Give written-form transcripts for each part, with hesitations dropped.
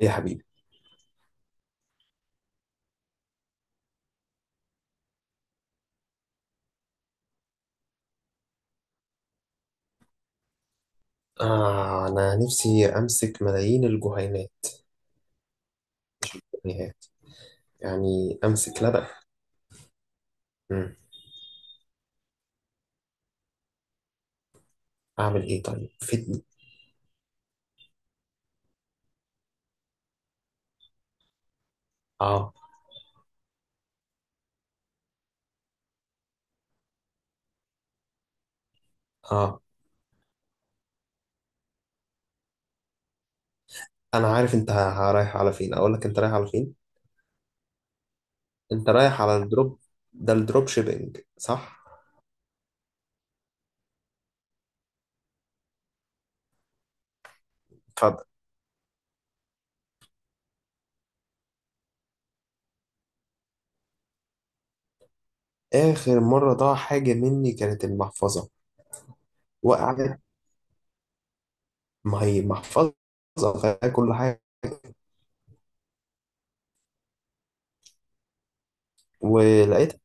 يا حبيبي. آه، أنا نفسي أمسك ملايين الجهينات. يعني يعني أمسك لبن. مم. أعمل إيه طيب؟ فدني. آه. آه. أنا عارف أنت رايح على فين. أقول لك أنت رايح على فين. أنت رايح على الدروب. ده الدروب شيبينج، صح؟ اتفضل. آخر مرة ضاع حاجة مني كانت المحفظة، وقعت. ما هي محفظة فيها كل حاجة، ولقيتها.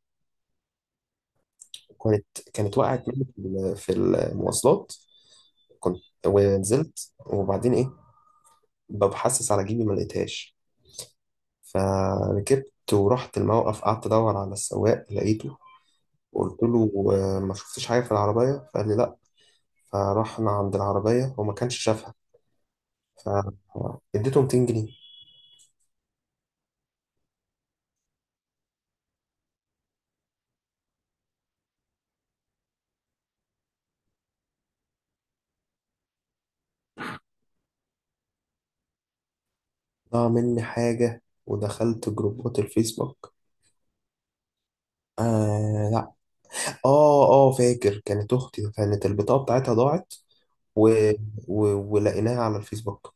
كانت كانت وقعت مني في المواصلات. كنت ونزلت وبعدين إيه، ببحثس على جيبي ما لقيتهاش. فركبت ورحت الموقف، قعدت ادور على السواق، لقيته. قلت له آه، ما شفتش حاجه في العربيه؟ فقال لي لا. فرحنا عند العربيه وما كانش شافها. فاديته 200 جنيه. ضاع مني حاجه ودخلت جروبات الفيسبوك؟ آه لا. اه، اه، فاكر، كانت اختي كانت البطاقه بتاعتها ضاعت. و... و... ولقيناها على الفيسبوك.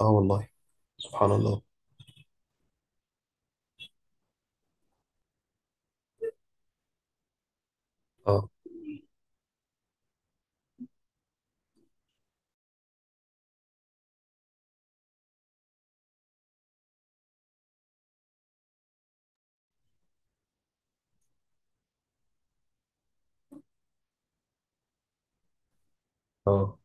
اه والله. سبحان الله. اه، اه،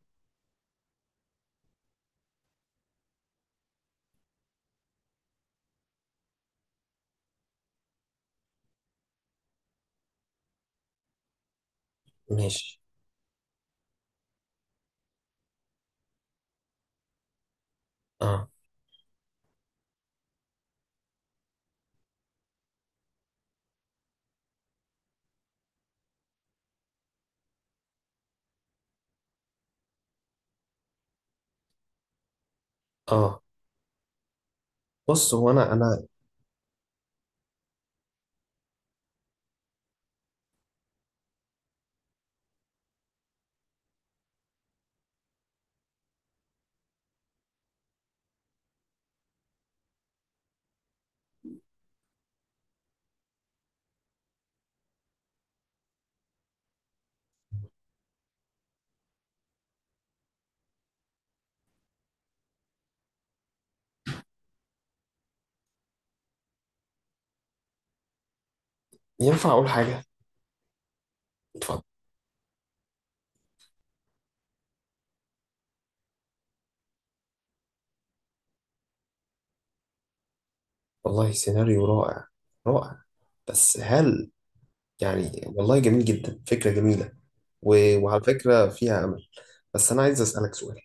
ماشي. اه، اه، بص، هو انا ينفع أقول حاجة؟ اتفضل. والله سيناريو رائع، رائع. بس هل، يعني والله جميل جدا، فكرة جميلة. و... وعلى فكرة فيها أمل. بس أنا عايز أسألك سؤال.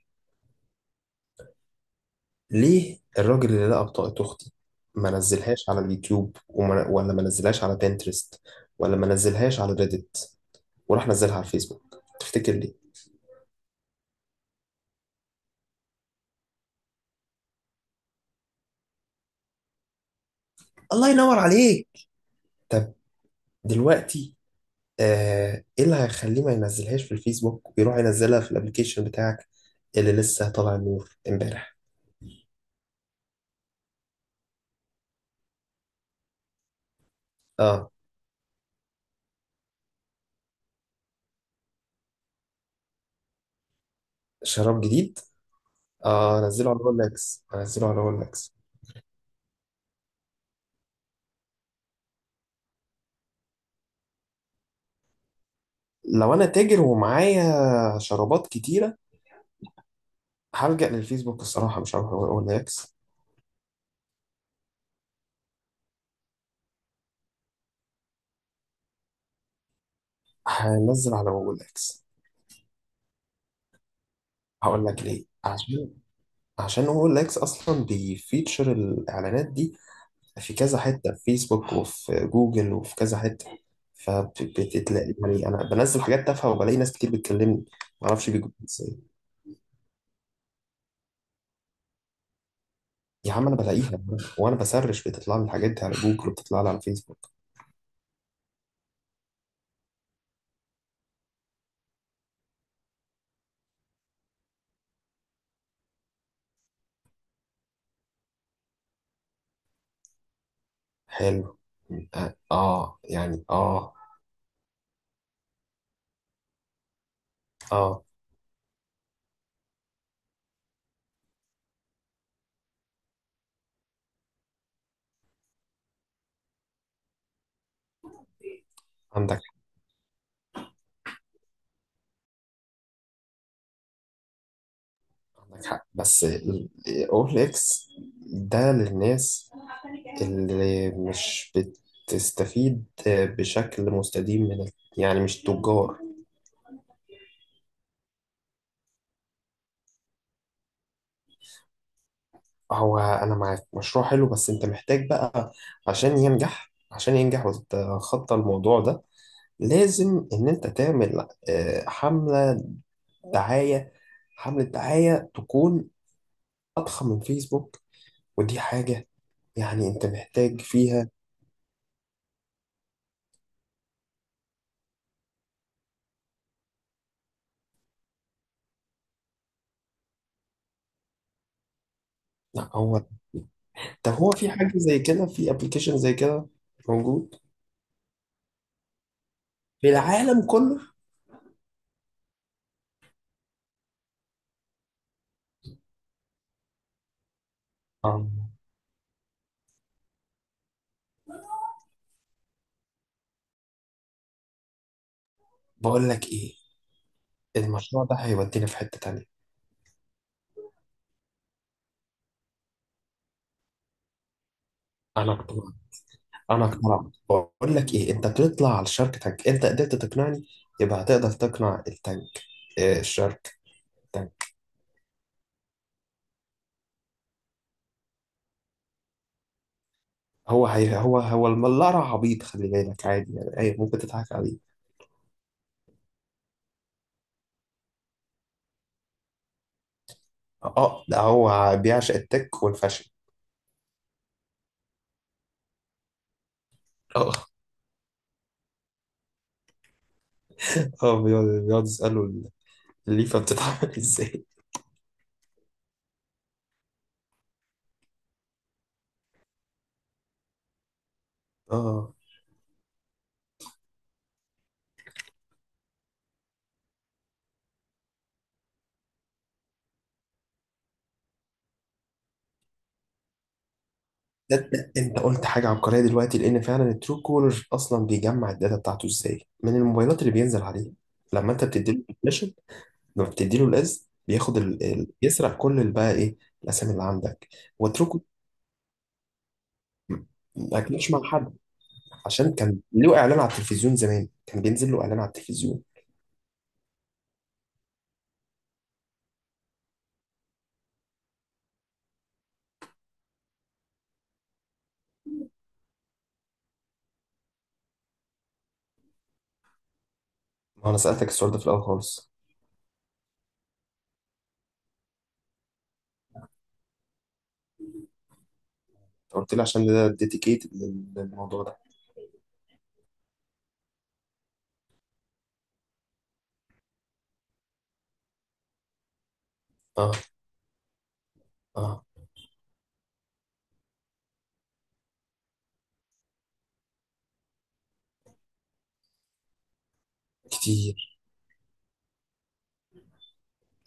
ليه الراجل اللي لقى بطاقة أختي ما نزلهاش على اليوتيوب، ولا ما نزلهاش على بنترست، ولا ما نزلهاش على ريدت، وراح نزلها على الفيسبوك؟ تفتكر ليه؟ الله ينور عليك. طب دلوقتي، ايه اللي هيخليه ما ينزلهاش في الفيسبوك ويروح ينزلها في الابليكيشن بتاعك اللي لسه طالع النور امبارح؟ اه. شراب جديد. اه، انزله على رولكس، انزله على رولكس. لو انا تاجر ومعايا شرابات كتيره، هلجأ للفيسبوك الصراحه، مش هروح رولكس. هنزل على رولكس. هقول لك ليه. عشان رولكس اصلا بيفيتشر الاعلانات دي في كذا حتة، في فيسبوك وفي جوجل وفي كذا حتة. فبتلاقي يعني أنا بنزل حاجات تافهة وبلاقي ناس كتير بتكلمني، معرفش بيجوا إزاي. يا عم أنا بلاقيها وأنا بسرش بتطلع لي الحاجات دي على جوجل وبتطلع لي على الفيسبوك. حلو. يعني آه. عندك عندك حق. بس أول إكس ده للناس اللي مش بتستفيد بشكل مستديم من يعني مش تجار. هو انا معاك مشروع حلو، بس انت محتاج بقى عشان ينجح وتتخطى الموضوع ده لازم ان انت تعمل دعاية حملة دعاية تكون اضخم من فيسبوك. ودي حاجة يعني انت محتاج فيها. هو طب هو في حاجة زي كده، في ابلكيشن زي كده موجود في العالم كله؟ آه، بقول لك ايه، المشروع ده هيودينا في حتة تانية. انا اقتنعت، انا اقتنعت. بقول لك ايه، انت تطلع على الشارك تانك، انت قدرت تقنعني يبقى هتقدر تقنع التانك. إيه الشارك تانك؟ هو هي هو هو الملارة عبيط، خلي بالك عادي، يعني اي ممكن تضحك عليه. اه، ده هو بيعشق التك والفاشن. اه. اه، بيقعد يسأله الليفة بتتعمل ازاي. اه، ده انت قلت حاجة عبقرية دلوقتي، لان فعلا الترو كولر اصلا بيجمع الداتا بتاعته ازاي من الموبايلات اللي بينزل عليها لما انت بتديله. لما بتديله القز بياخد يسرق كل بقى ايه الاسامي اللي عندك، واتركه، ما اكلش مع حد. عشان كان له اعلان على التلفزيون زمان، كان بينزل له اعلان على التلفيزيون. ما انا سالتك السؤال ده في الاول خالص. أنت قلت لي عشان ده ديديكيتد للموضوع ده. اه، اه، كتير.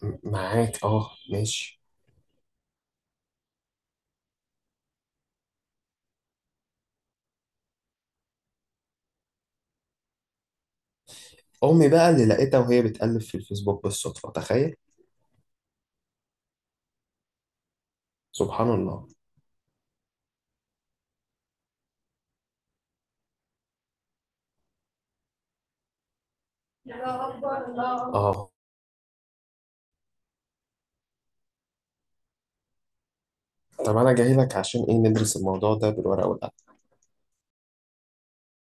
معاك، اه ماشي. امي بقى اللي لقيتها وهي بتقلب في الفيسبوك بالصدفه، تخيل. سبحان الله. الله أكبر، الله أكبر. اه، طب انا جاي لك عشان ايه؟ ندرس الموضوع ده بالورقه والقلم.